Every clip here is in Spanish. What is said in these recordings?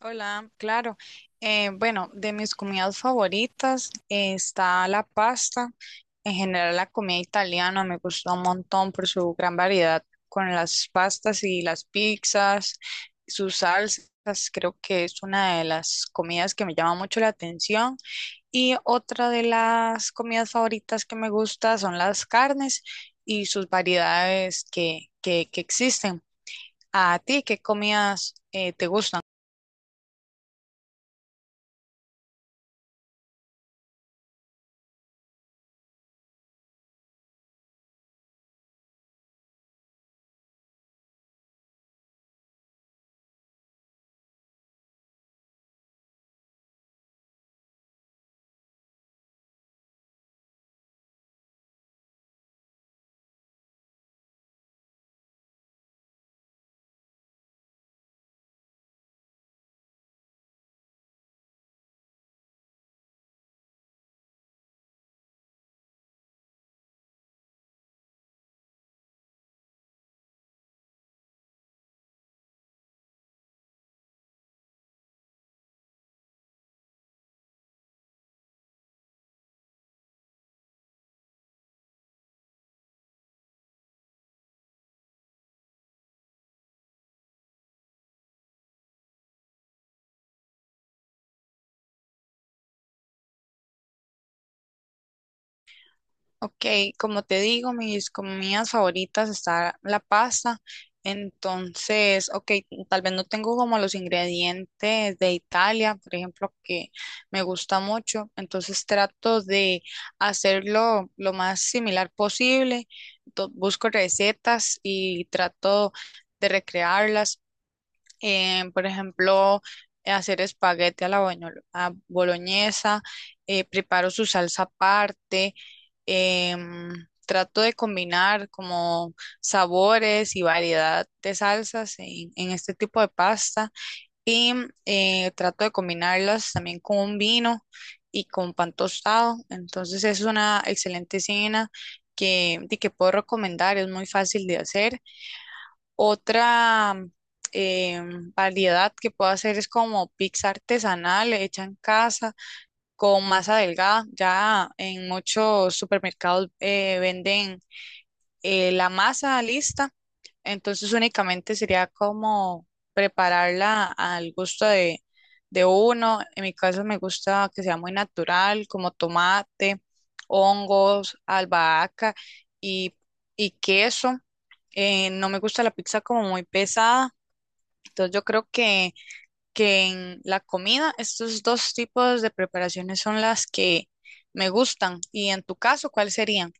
Hola, claro. Bueno, de mis comidas favoritas está la pasta. En general, la comida italiana me gusta un montón por su gran variedad con las pastas y las pizzas, sus salsas. Creo que es una de las comidas que me llama mucho la atención. Y otra de las comidas favoritas que me gusta son las carnes y sus variedades que existen. ¿A ti qué comidas te gustan? Ok, como te digo, mis comidas favoritas está la pasta. Entonces, ok, tal vez no tengo como los ingredientes de Italia, por ejemplo, que me gusta mucho. Entonces trato de hacerlo lo más similar posible. Busco recetas y trato de recrearlas, por ejemplo, hacer espagueti a boloñesa, preparo su salsa aparte, em, trato de combinar como sabores y variedad de salsas en este tipo de pasta y trato de combinarlas también con un vino y con pan tostado. Entonces es una excelente cena que, di que puedo recomendar, es muy fácil de hacer. Otra eh, variedad que puedo hacer es como pizza artesanal hecha en casa con masa delgada. Ya en muchos supermercados venden la masa lista, entonces únicamente sería como prepararla al gusto de uno. En mi caso me gusta que sea muy natural, como tomate, hongos, albahaca y, y queso. No me gusta la pizza como muy pesada. Entonces yo creo que en la comida estos dos tipos de preparaciones son las que me gustan. Y en tu caso, ¿cuáles serían?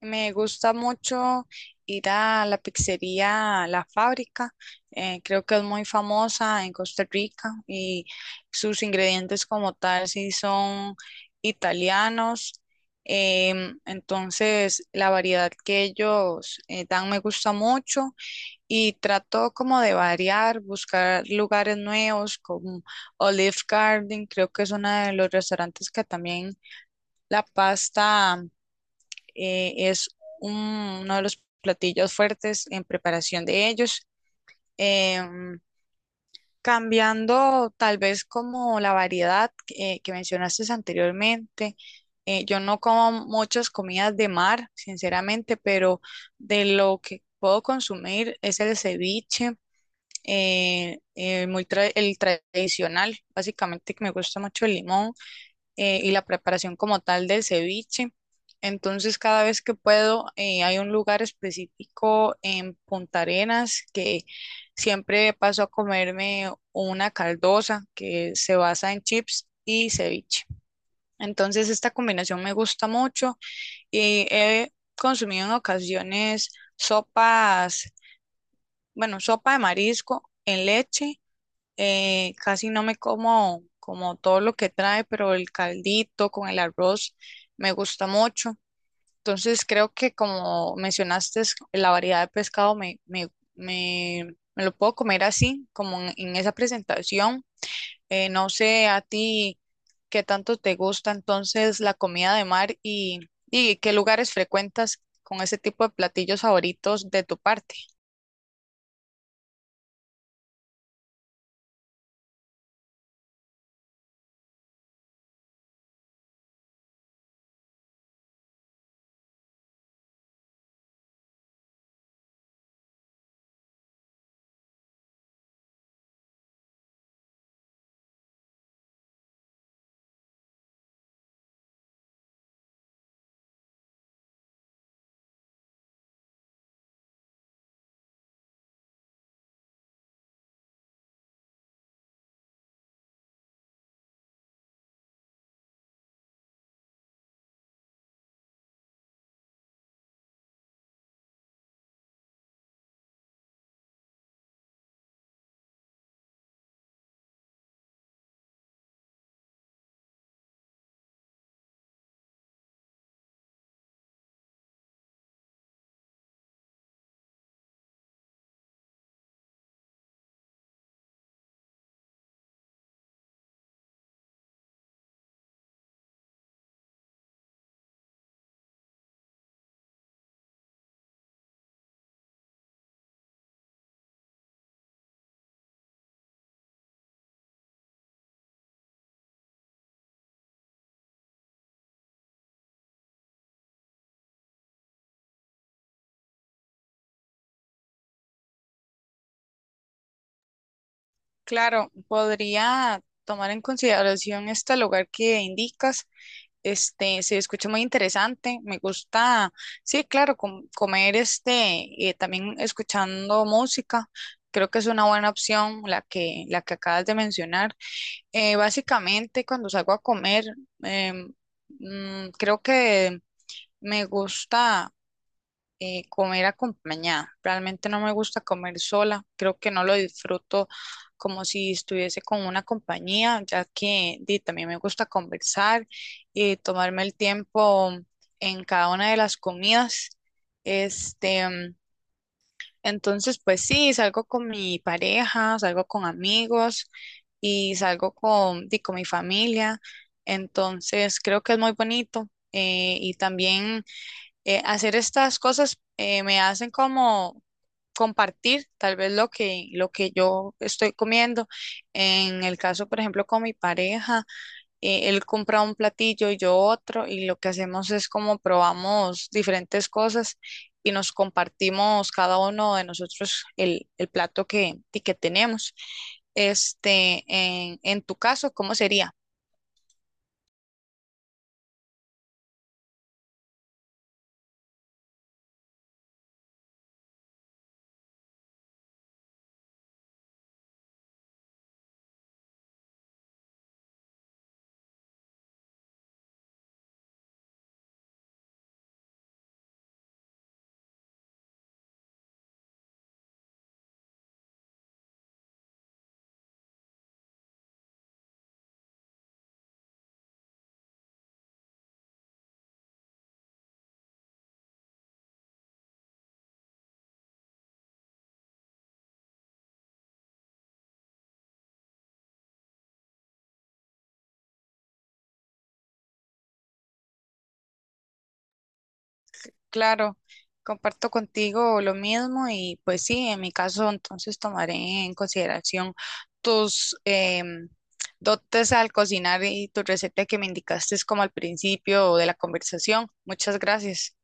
Me gusta mucho ir a la pizzería La Fábrica. Creo que es muy famosa en Costa Rica y sus ingredientes como tal sí son italianos. Entonces la variedad que ellos dan me gusta mucho. Y trato como de variar, buscar lugares nuevos como Olive Garden, creo que es uno de los restaurantes que también la pasta es un- uno de los platillos fuertes en preparación de ellos. Em, Cambiando tal vez como la variedad que mencionaste anteriormente. Yo no como muchas comidas de mar, sinceramente, pero de lo que puedo consumir es el ceviche, el tradicional, básicamente que me gusta mucho el limón y la preparación como tal del ceviche. Entonces, cada vez que puedo, hay un lugar específico en Punta Arenas que siempre paso a comerme una caldosa que se basa en chips y ceviche. Entonces, esta combinación me gusta mucho y he consumido en ocasiones sopas, bueno, sopa de marisco en leche. Casi no me como como todo lo que trae, pero el caldito con el arroz me gusta mucho. Entonces creo que como mencionaste, la variedad de pescado me lo puedo comer así, como en esa presentación. No sé a ti qué tanto te gusta entonces la comida de mar y qué lugares frecuentas con ese tipo de platillos favoritos de tu parte. Claro, podría tomar en consideración este lugar que indicas. Este, se escucha muy interesante. Me gusta, sí, claro, comer este, también escuchando música. Creo que es una buena opción la que acabas de mencionar. Básicamente, cuando salgo a comer, em, creo que me gusta comer acompañada. Realmente no me gusta comer sola, creo que no lo disfruto como si estuviese con una compañía, ya que di, también me gusta conversar y tomarme el tiempo en cada una de las comidas. Este, entonces, pues sí, salgo con mi pareja, salgo con amigos y salgo con, di, con mi familia. Entonces, creo que es muy bonito. Y también hacer estas cosas me hacen como compartir tal vez lo que yo estoy comiendo. En el caso, por ejemplo, con mi pareja, él compra un platillo y yo otro, y lo que hacemos es como probamos diferentes cosas y nos compartimos cada uno de nosotros el plato que, y que tenemos. Este, en tu caso, ¿cómo sería? Claro, comparto contigo lo mismo y pues sí, en mi caso entonces tomaré en consideración tus dotes al cocinar y tu receta que me indicaste como al principio de la conversación. Muchas gracias.